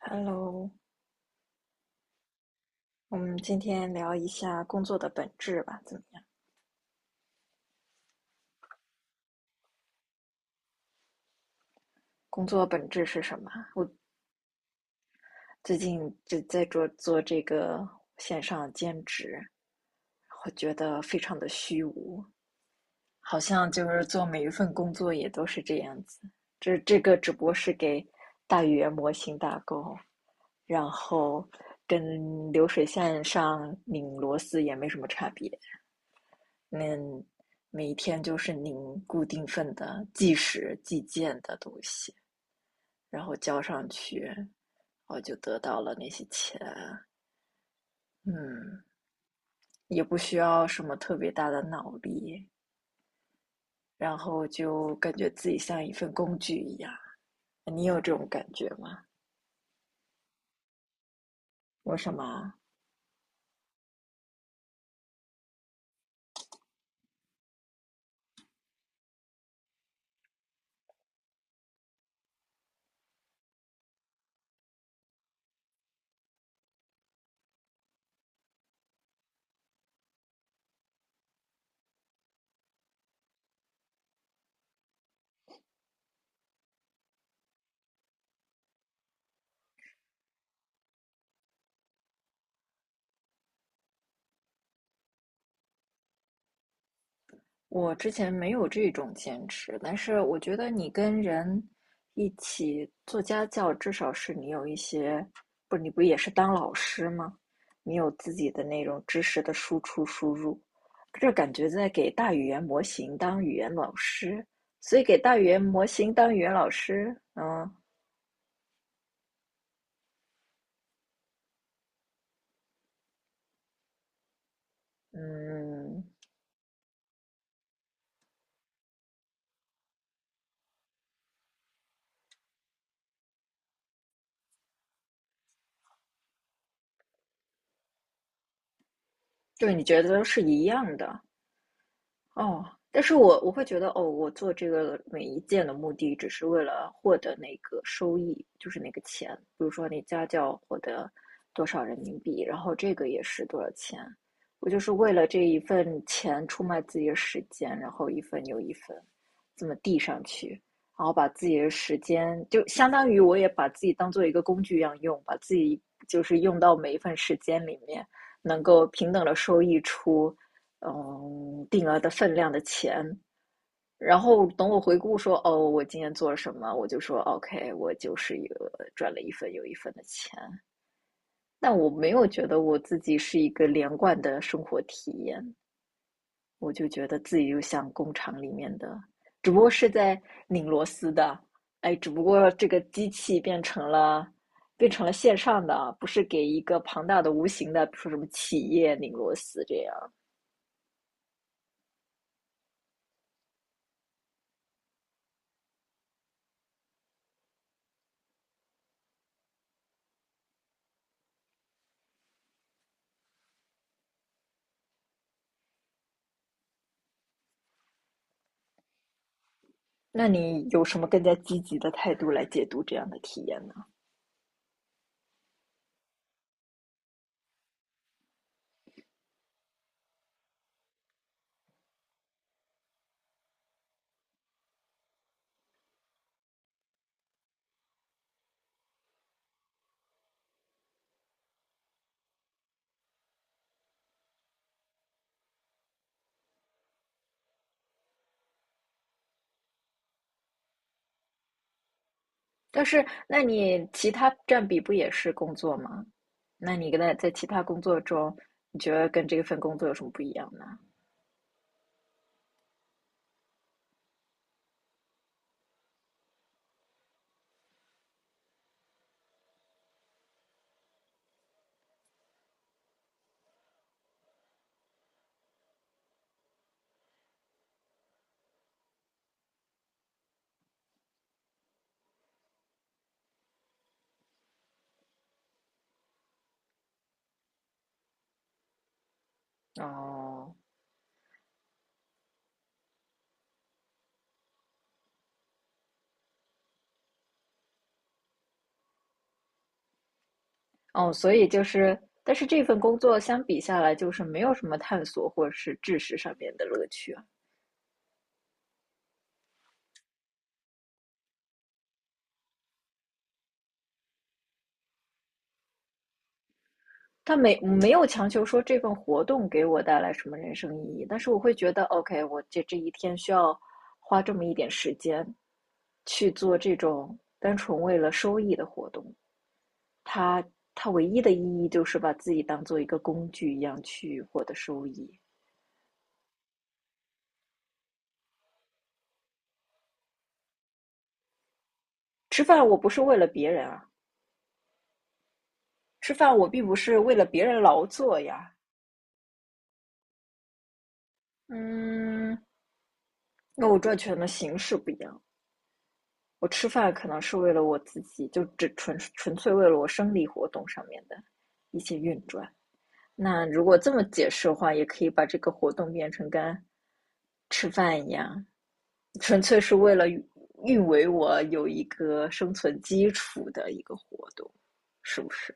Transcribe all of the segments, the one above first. Hello，我们今天聊一下工作的本质吧，怎么样？工作本质是什么啊？我最近就在做做这个线上兼职，我觉得非常的虚无，好像就是做每一份工作也都是这样子。这个只不过是给大语言模型打勾，然后跟流水线上拧螺丝也没什么差别。嗯，每天就是您固定份的计时计件的东西，然后交上去，我就得到了那些钱。嗯，也不需要什么特别大的脑力，然后就感觉自己像一份工具一样。你有这种感觉吗？为什么？我之前没有这种坚持，但是我觉得你跟人一起做家教，至少是你有一些，不，你不也是当老师吗？你有自己的那种知识的输出输入，这感觉在给大语言模型当语言老师，所以给大语言模型当语言老师，嗯，就你觉得都是一样的，哦，但是我会觉得，哦，我做这个每一件的目的只是为了获得那个收益，就是那个钱。比如说你家教获得多少人民币，然后这个也是多少钱，我就是为了这一份钱出卖自己的时间，然后一份又一份这么递上去，然后把自己的时间，就相当于我也把自己当做一个工具一样用，把自己就是用到每一份时间里面，能够平等的收益出。定额的分量的钱。然后等我回顾说，哦，我今天做了什么，我就说，OK，我就是一个赚了一份又一份的钱。但我没有觉得我自己是一个连贯的生活体验，我就觉得自己就像工厂里面的，只不过是在拧螺丝的，哎，只不过这个机器变成了线上的啊，不是给一个庞大的无形的，比如说什么企业拧螺丝这样。那你有什么更加积极的态度来解读这样的体验呢？但是，那你其他占比不也是工作吗？那你跟他在其他工作中，你觉得跟这份工作有什么不一样呢？哦哦，所以就是，但是这份工作相比下来，就是没有什么探索或者是知识上面的乐趣啊。他没有强求说这份活动给我带来什么人生意义，但是我会觉得，OK，我这一天需要花这么一点时间去做这种单纯为了收益的活动，它它唯一的意义就是把自己当做一个工具一样去获得收益。吃饭我不是为了别人啊，吃饭我并不是为了别人劳作呀，嗯，那我赚钱的形式不一样，我吃饭可能是为了我自己，就只纯粹为了我生理活动上面的一些运转。那如果这么解释的话，也可以把这个活动变成跟吃饭一样，纯粹是为了运维我有一个生存基础的一个活动，是不是？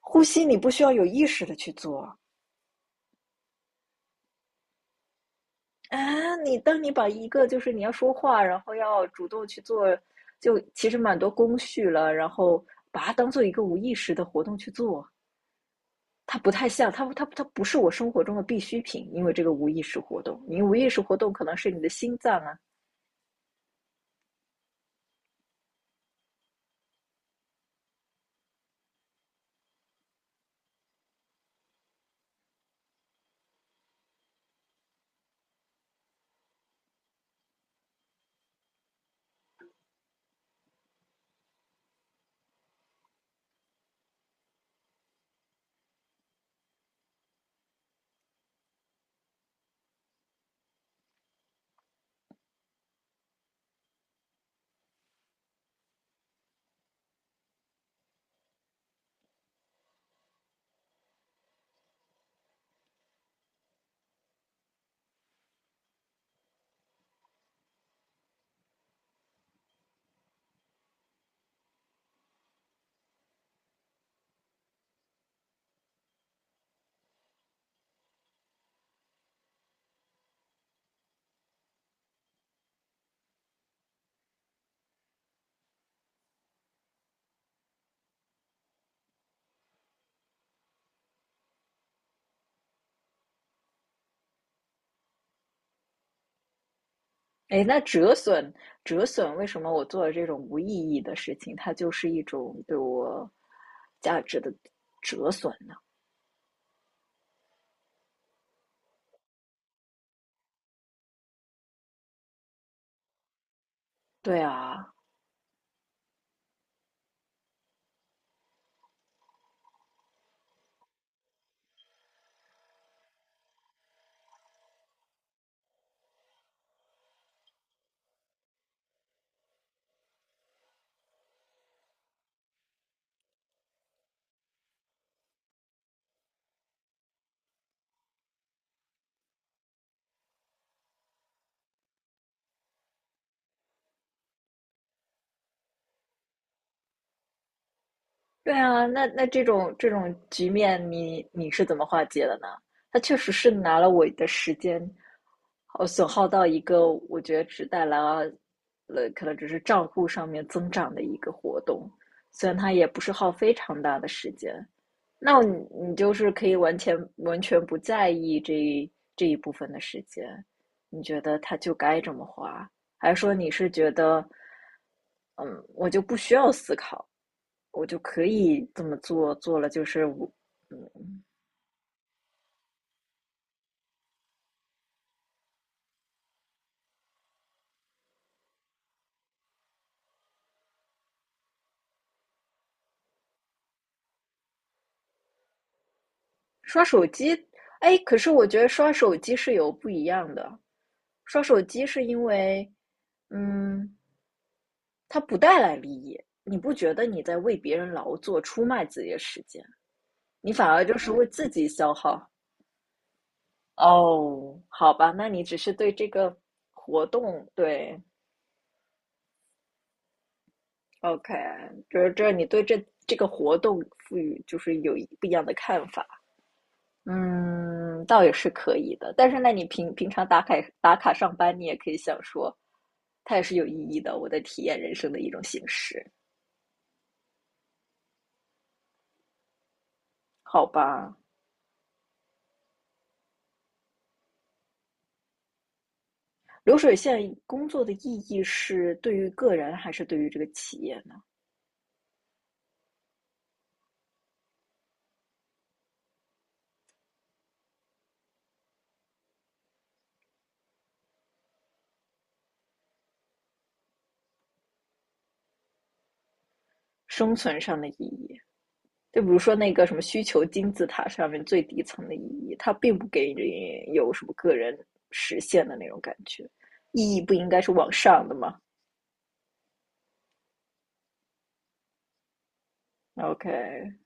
呼吸你不需要有意识的去做，啊，你当你把一个就是你要说话，然后要主动去做，就其实蛮多工序了，然后把它当做一个无意识的活动去做，它不太像，它不是我生活中的必需品，因为这个无意识活动，你无意识活动可能是你的心脏啊，哎，那折损，为什么我做了这种无意义的事情，它就是一种对我价值的折损呢？对啊，对啊，那这种局面你，你是怎么化解的呢？他确实是拿了我的时间，损耗到一个我觉得只带来了可能只是账户上面增长的一个活动，虽然它也不是耗非常大的时间，那你就是可以完全不在意这一部分的时间，你觉得他就该这么花，还是说你是觉得，嗯，我就不需要思考，我就可以这么做，做了就是我嗯，刷手机，哎，可是我觉得刷手机是有不一样的，刷手机是因为，嗯，它不带来利益，你不觉得你在为别人劳作、出卖自己的时间？你反而就是为自己消耗。哦，好吧，那你只是对这个活动，对，OK，就是这你对这个活动赋予就是有一不一样的看法。嗯，倒也是可以的。但是那你平常打卡上班，你也可以想说，它也是有意义的，我在体验人生的一种形式，好吧？流水线工作的意义是对于个人还是对于这个企业呢？生存上的意义。就比如说那个什么需求金字塔上面最底层的意义，它并不给你有什么个人实现的那种感觉，意义不应该是往上的吗？OK，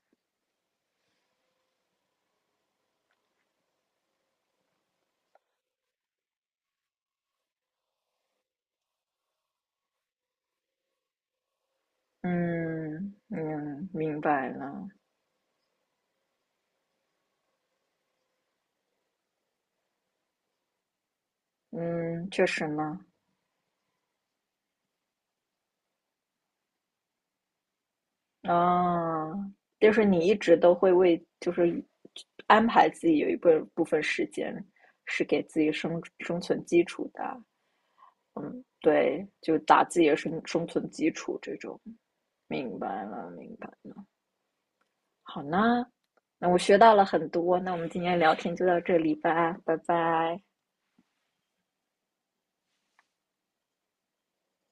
嗯嗯，明白了，嗯，确实呢，啊，就是你一直都会为就是安排自己有部分时间是给自己生存基础的，对，就打自己的生存基础这种，明白了，明白了。好呢，那我学到了很多，那我们今天聊天就到这里吧，拜拜。